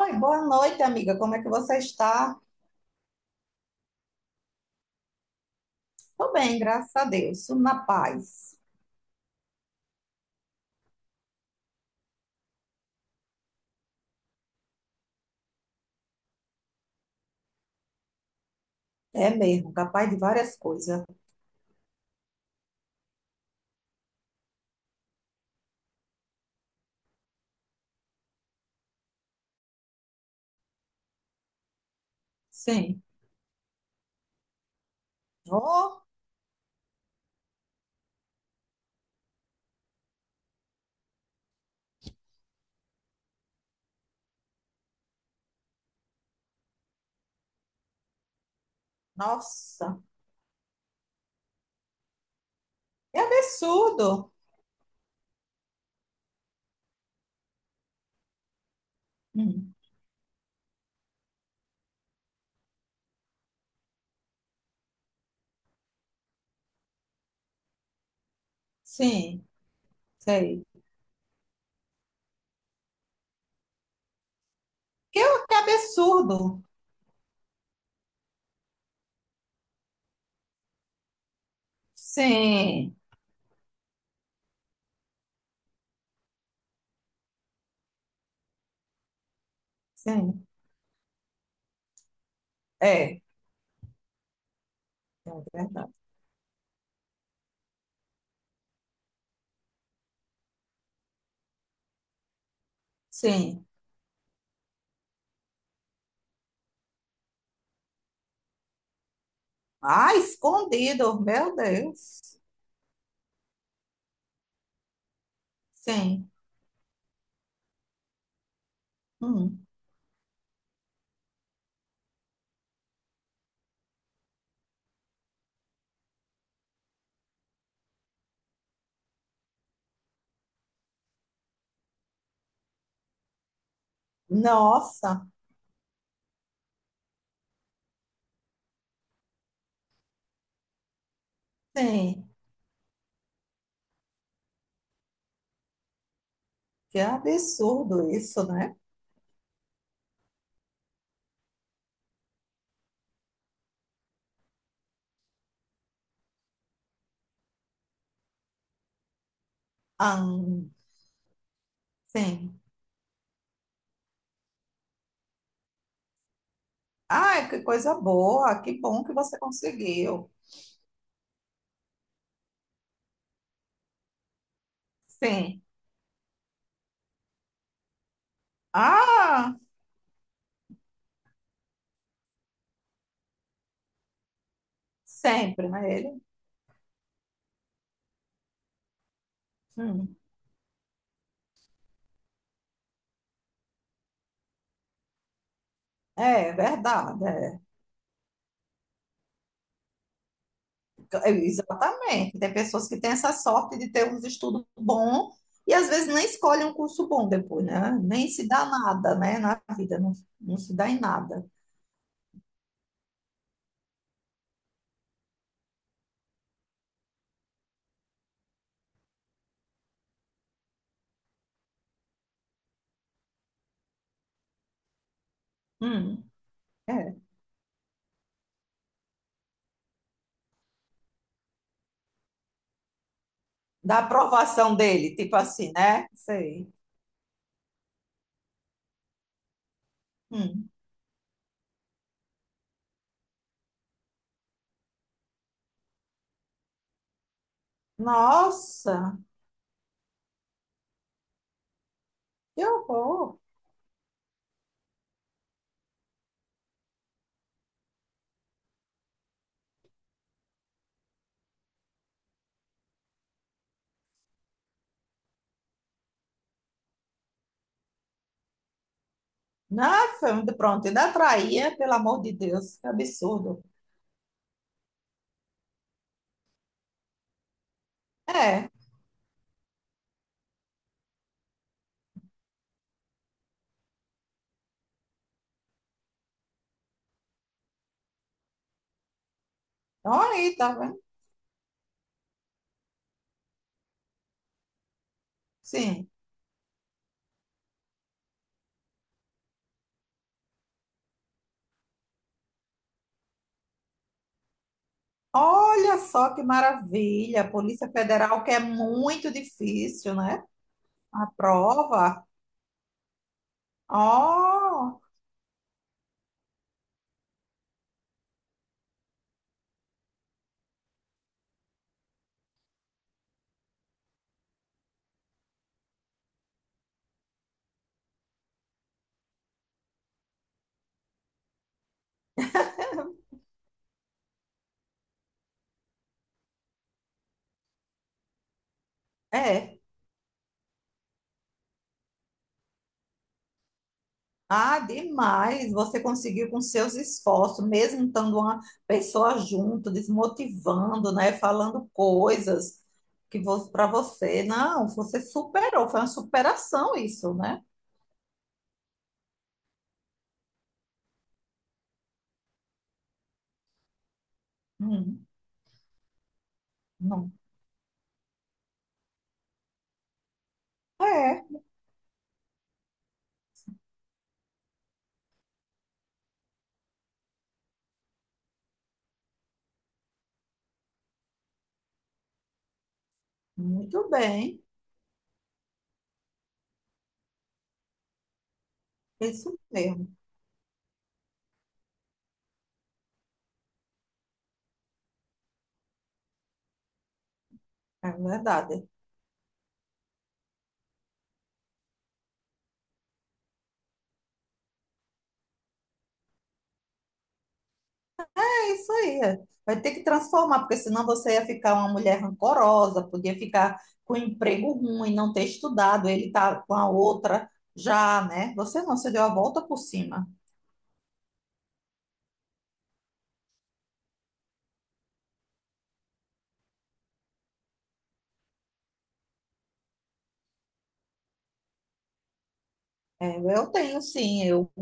Oi, boa noite, amiga. Como é que você está? Estou bem, graças a Deus. Na paz. É mesmo, capaz de várias coisas. Sim. Oh, nossa. Que absurdo. Hum. Sim, sei. Que, que absurdo. Sim, sim. É, é verdade. Sim. Ah, escondido. Meu Deus. Sim. Hum. Nossa. Sim. Que absurdo isso, né? Ah, sim. Ah, que coisa boa, que bom que você conseguiu. Sim. Ah, sempre, né? Ele. Hum. É verdade, é. É, exatamente. Tem pessoas que têm essa sorte de ter uns estudos bons e às vezes nem escolhem um curso bom depois, né? Nem se dá nada, né? Na vida, não, não se dá em nada. Hum. É. Da aprovação dele, tipo assim, né? Sei. Hum. Nossa, que horror. Nossa, pronto, ainda traía, pelo amor de Deus, que absurdo. É, então aí, tá vendo? Sim. Olha só que maravilha, a Polícia Federal, que é muito difícil, né? A prova. Ó, é. Ah, demais. Você conseguiu com seus esforços, mesmo estando uma pessoa junto, desmotivando, né? Falando coisas que para você, não, você superou, foi uma superação isso, né? Hum. Não. É, muito bem. Isso mesmo, é verdade. É isso aí. É. Vai ter que transformar, porque senão você ia ficar uma mulher rancorosa, podia ficar com um emprego ruim, não ter estudado, ele tá com a outra já, né? Você não, você deu a volta por cima. É, eu tenho sim, eu,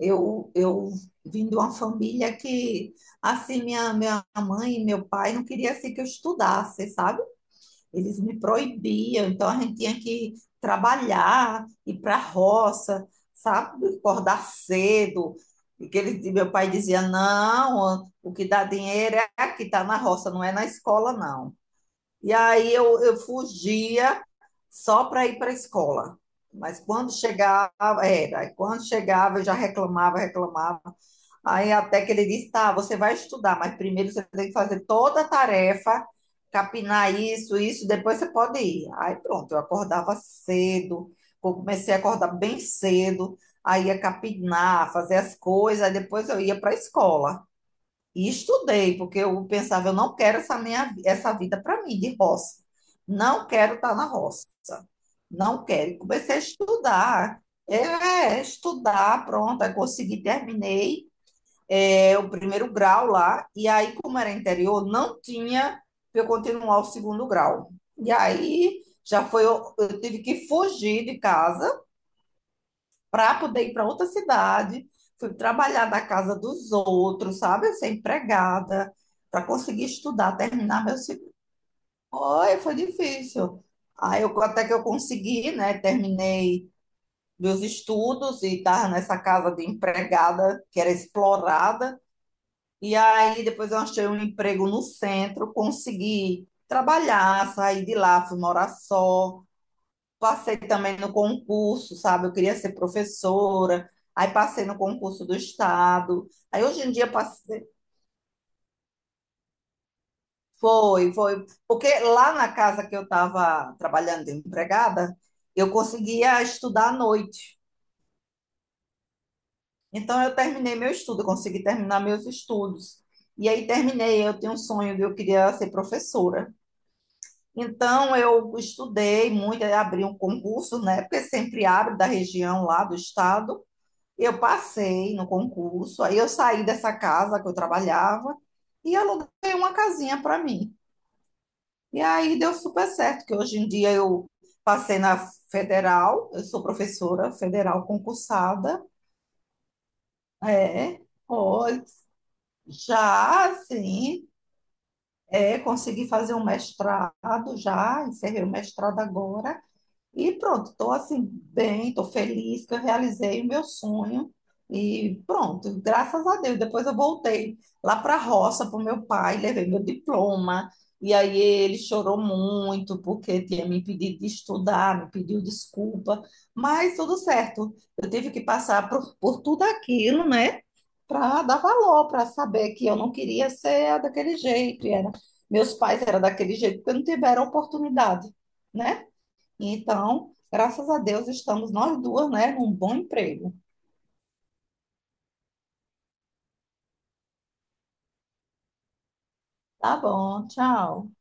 eu, eu vim de uma família que, assim, minha mãe e meu pai não queria assim, que eu estudasse, sabe? Eles me proibiam, então a gente tinha que trabalhar, ir para a roça, sabe? Acordar cedo. E que ele, meu pai dizia: não, o que dá dinheiro é aqui, tá na roça, não é na escola, não. E aí eu fugia só para ir para a escola. Mas quando chegava, quando chegava, eu já reclamava, reclamava. Aí até que ele disse, tá, você vai estudar, mas primeiro você tem que fazer toda a tarefa, capinar isso, isso, depois você pode ir. Aí pronto, eu acordava cedo, eu comecei a acordar bem cedo, aí ia capinar, fazer as coisas, aí depois eu ia para a escola. E estudei, porque eu pensava, eu não quero essa minha essa vida para mim de roça. Não quero estar na roça. Não quero. E comecei a estudar. É, estudar, pronto, aí consegui, terminei o primeiro grau lá, e aí, como era interior, não tinha para eu continuar o segundo grau. E aí já foi, eu tive que fugir de casa para poder ir para outra cidade. Fui trabalhar na casa dos outros, sabe? Ser empregada, para conseguir estudar, terminar meu segundo. Oi, foi difícil. Aí eu, até que eu consegui, né? Terminei meus estudos e estava nessa casa de empregada que era explorada. E aí depois eu achei um emprego no centro, consegui trabalhar, sair de lá, fui morar só, passei também no concurso, sabe? Eu queria ser professora, aí passei no concurso do estado. Aí hoje em dia passei, foi, foi, porque lá na casa que eu estava trabalhando de empregada, eu conseguia estudar à noite. Então eu terminei meu estudo, eu consegui terminar meus estudos. E aí terminei, eu tinha um sonho de eu queria ser professora. Então eu estudei muito, aí abri um concurso, né? Porque sempre abre da região lá do estado. Eu passei no concurso, aí eu saí dessa casa que eu trabalhava e aluguei uma casinha para mim. E aí deu super certo, que hoje em dia eu passei na federal, eu sou professora federal concursada, é, pode. Já, sim, consegui fazer um mestrado, já encerrei o mestrado agora. E pronto, estou assim, bem, estou feliz que eu realizei o meu sonho. E pronto, graças a Deus. Depois eu voltei lá para a roça para o meu pai, levei meu diploma. E aí ele chorou muito porque tinha me impedido de estudar, me pediu desculpa. Mas tudo certo, eu tive que passar por tudo aquilo, né? Para dar valor, para saber que eu não queria ser daquele jeito. Meus pais eram daquele jeito porque não tiveram oportunidade, né? Então, graças a Deus, estamos nós duas, né, num bom emprego. Tá bom, tchau.